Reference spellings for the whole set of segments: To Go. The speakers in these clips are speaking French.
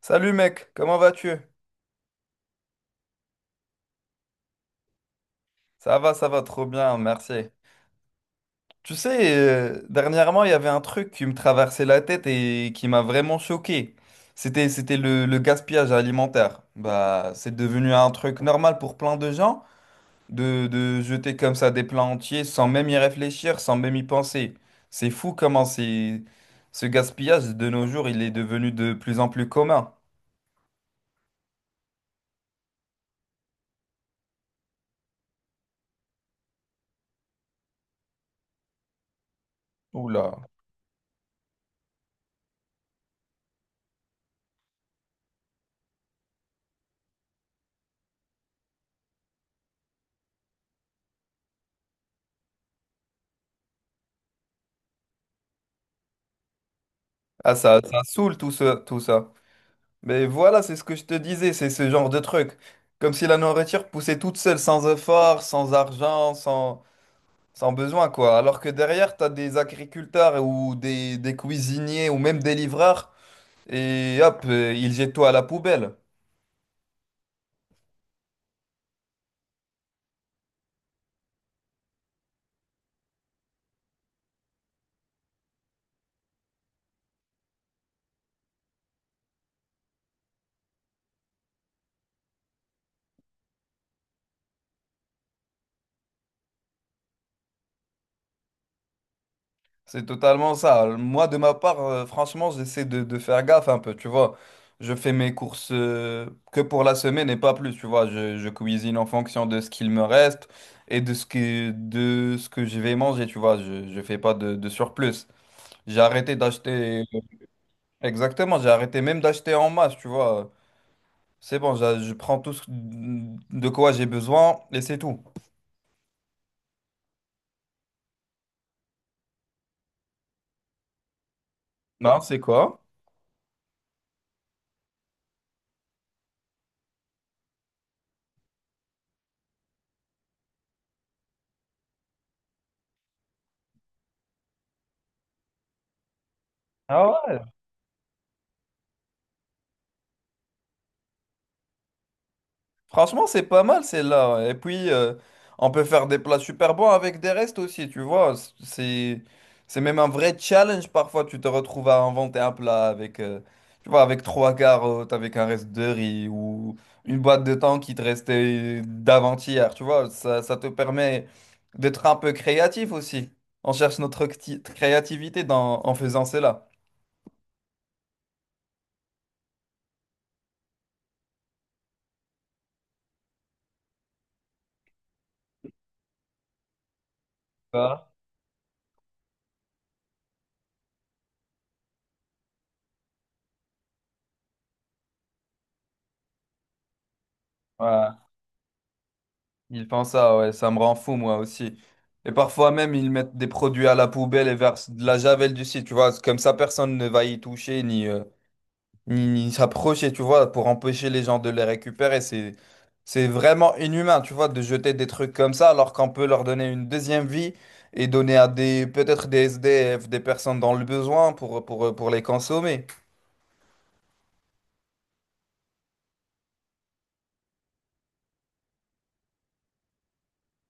Salut mec, comment vas-tu? Ça va trop bien, merci. Tu sais, dernièrement, il y avait un truc qui me traversait la tête et qui m'a vraiment choqué. C'était le gaspillage alimentaire. Bah, c'est devenu un truc normal pour plein de gens de jeter comme ça des plats entiers sans même y réfléchir, sans même y penser. C'est fou comment c'est, ce gaspillage de nos jours, il est devenu de plus en plus commun. Oula. Ah, ça saoule tout ça, tout ça. Mais voilà, c'est ce que je te disais, c'est ce genre de truc. Comme si la nourriture poussait toute seule, sans effort, sans argent, sans, sans besoin, quoi. Alors que derrière, t'as des agriculteurs ou des cuisiniers ou même des livreurs, et hop, ils jettent tout à la poubelle. C'est totalement ça. Moi, de ma part, franchement, j'essaie de faire gaffe un peu, tu vois. Je fais mes courses que pour la semaine et pas plus, tu vois. Je cuisine en fonction de ce qu'il me reste et de ce que je vais manger, tu vois. Je fais pas de surplus. J'ai arrêté d'acheter... Exactement, j'ai arrêté même d'acheter en masse, tu vois. C'est bon, je prends tout ce de quoi j'ai besoin et c'est tout. Non, c'est quoi? Ah ouais? Franchement, c'est pas mal celle-là. Ouais. Et puis, on peut faire des plats super bons avec des restes aussi, tu vois. C'est, c'est même un vrai challenge parfois. Tu te retrouves à inventer un plat avec, tu vois, avec trois carottes, avec un reste de riz ou une boîte de thon qui te restait d'avant-hier, tu vois. Ça te permet d'être un peu créatif aussi. On cherche notre créativité dans, en faisant cela. Tu vois. Ouais. Ils font ça, ouais, ça me rend fou moi aussi. Et parfois même, ils mettent des produits à la poubelle et versent de la javel dessus, tu vois. C'est comme ça, personne ne va y toucher ni ni, ni s'approcher, tu vois, pour empêcher les gens de les récupérer. C'est vraiment inhumain, tu vois, de jeter des trucs comme ça alors qu'on peut leur donner une deuxième vie et donner à des peut-être des SDF, des personnes dans le besoin pour les consommer.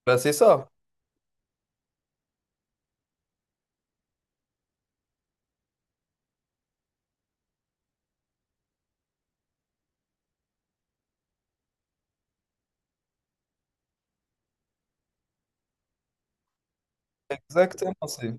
Bah, c'est ça. Exactement, c'est.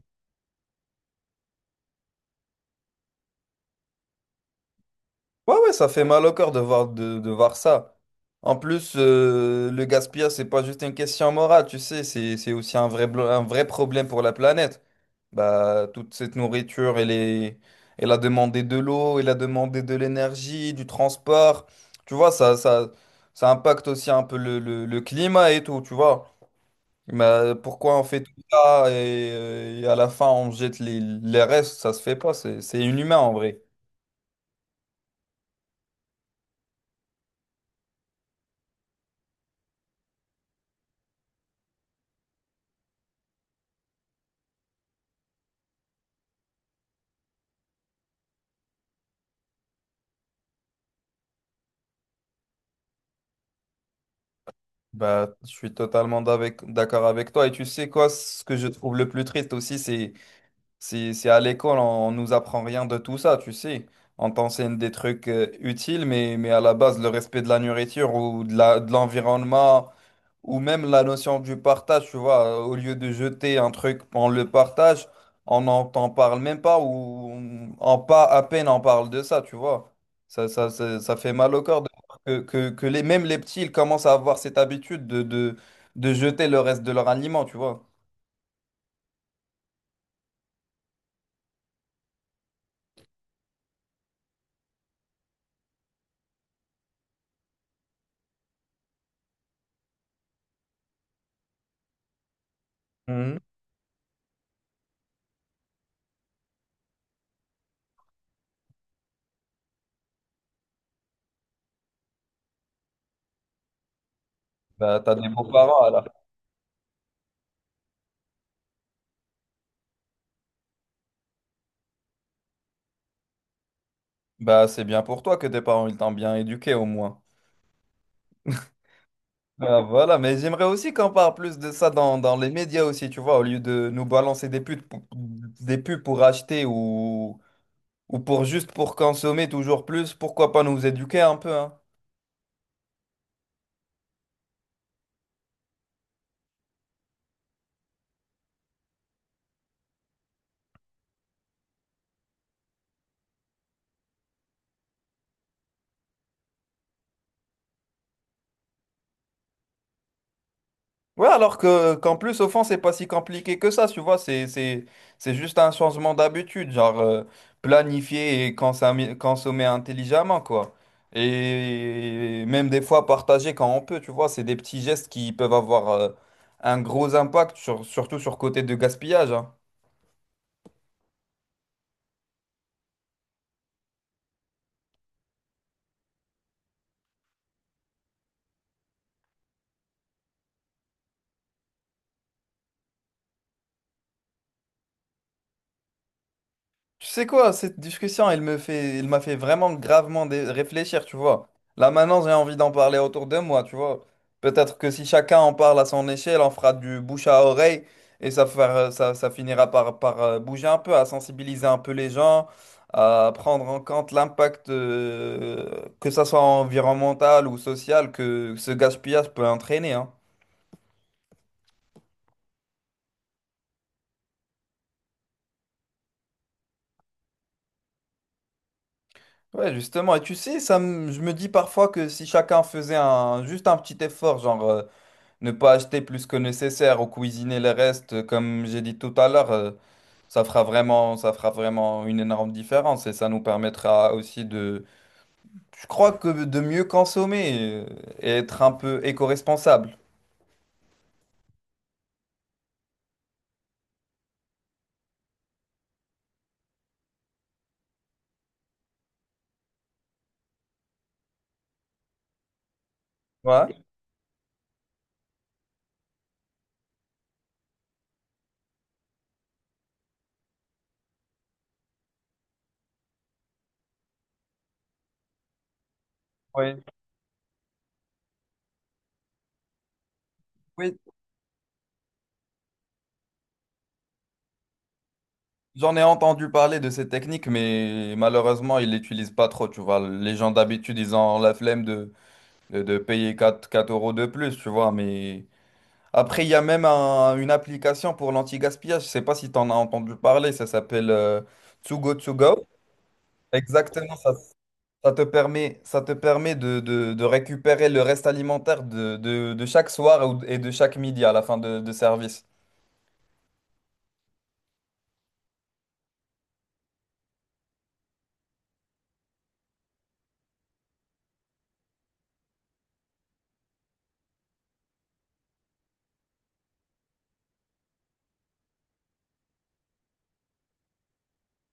Ouais, ouais, ça fait mal au cœur de voir ça. En plus, le gaspillage, c'est pas juste une question morale, tu sais, c'est aussi un vrai, un vrai problème pour la planète. Bah, toute cette nourriture, elle est, elle a demandé de l'eau, elle a demandé de l'énergie, du transport. Tu vois, ça impacte aussi un peu le climat et tout, tu vois. Mais pourquoi on fait tout ça et à la fin, on jette les restes, ça se fait pas, c'est inhumain en vrai. Bah, je suis totalement d'accord avec toi. Et tu sais quoi, ce que je trouve le plus triste aussi, c'est à l'école, on nous apprend rien de tout ça, tu sais. On t'enseigne des trucs utiles, mais à la base, le respect de la nourriture ou de la, de l'environnement, ou même la notion du partage, tu vois, au lieu de jeter un truc, on le partage, on n'en t'en parle même pas ou on, en pas à peine on parle de ça, tu vois. Ça fait mal au corps de voir que les, même les petits, ils commencent à avoir cette habitude de jeter le reste de leur aliment, tu vois. Mhm. Bah, t'as des beaux-parents alors. Bah, c'est bien pour toi que tes parents, ils t'ont bien éduqué au moins. Ah, voilà, mais j'aimerais aussi qu'on parle plus de ça dans, dans les médias aussi, tu vois, au lieu de nous balancer des pubs, des pubs pour acheter ou pour juste pour consommer toujours plus, pourquoi pas nous éduquer un peu, hein. Ouais, alors que qu'en plus, au fond, c'est pas si compliqué que ça, tu vois, c'est juste un changement d'habitude, genre planifier et consommer, consommer intelligemment, quoi. Et même des fois partager quand on peut, tu vois, c'est des petits gestes qui peuvent avoir un gros impact, surtout sur côté de gaspillage, hein. Tu sais quoi, cette discussion, elle me fait, elle m'a fait vraiment gravement réfléchir, tu vois. Là maintenant, j'ai envie d'en parler autour de moi, tu vois. Peut-être que si chacun en parle à son échelle, on fera du bouche à oreille et ça, ça, ça finira par, par bouger un peu, à sensibiliser un peu les gens, à prendre en compte l'impact, que ça soit environnemental ou social, que ce gaspillage peut entraîner, hein. Ouais, justement. Et tu sais, ça, je me dis parfois que si chacun faisait un, juste un petit effort, genre. Ne pas acheter plus que nécessaire ou cuisiner les restes, comme j'ai dit tout à l'heure, ça fera vraiment une énorme différence et ça nous permettra aussi de, je crois que de mieux consommer et être un peu éco-responsable. Ouais. Oui. Oui. J'en ai entendu parler de ces techniques, mais malheureusement, ils l'utilisent pas trop, tu vois. Les gens d'habitude, ils ont la flemme de payer 4 4 euros de plus, tu vois, mais. Après, il y a même une application pour l'anti-gaspillage. Je ne sais pas si tu en as entendu parler. Ça s'appelle To Go To Go. Exactement, ça, ça te permet de, de récupérer le reste alimentaire de, de chaque soir et de chaque midi à la fin de service.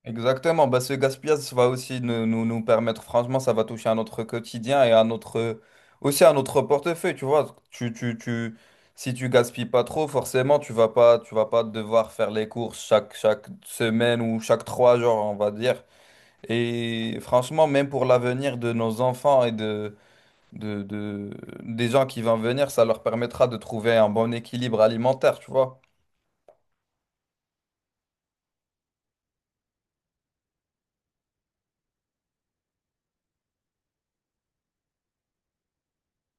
Exactement, bah, ce gaspillage ça va aussi nous, nous, nous permettre, franchement, ça va toucher à notre quotidien et à notre, aussi à notre portefeuille, tu vois. Tu, si tu gaspilles pas trop, forcément, tu vas pas devoir faire les courses chaque, chaque semaine ou chaque trois jours, on va dire. Et franchement, même pour l'avenir de nos enfants et de, des gens qui vont venir, ça leur permettra de trouver un bon équilibre alimentaire, tu vois.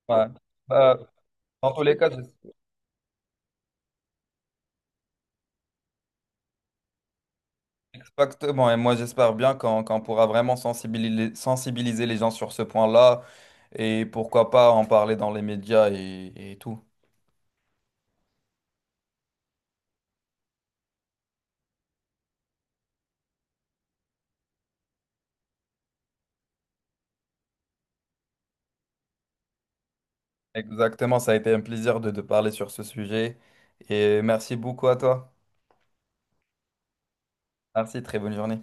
Ouais. Bah, dans tous les cas, exactement, et moi j'espère bien qu'on qu'on pourra vraiment sensibiliser, sensibiliser les gens sur ce point-là et pourquoi pas en parler dans les médias et tout. Exactement, ça a été un plaisir de parler sur ce sujet et merci beaucoup à toi. Merci, très bonne journée.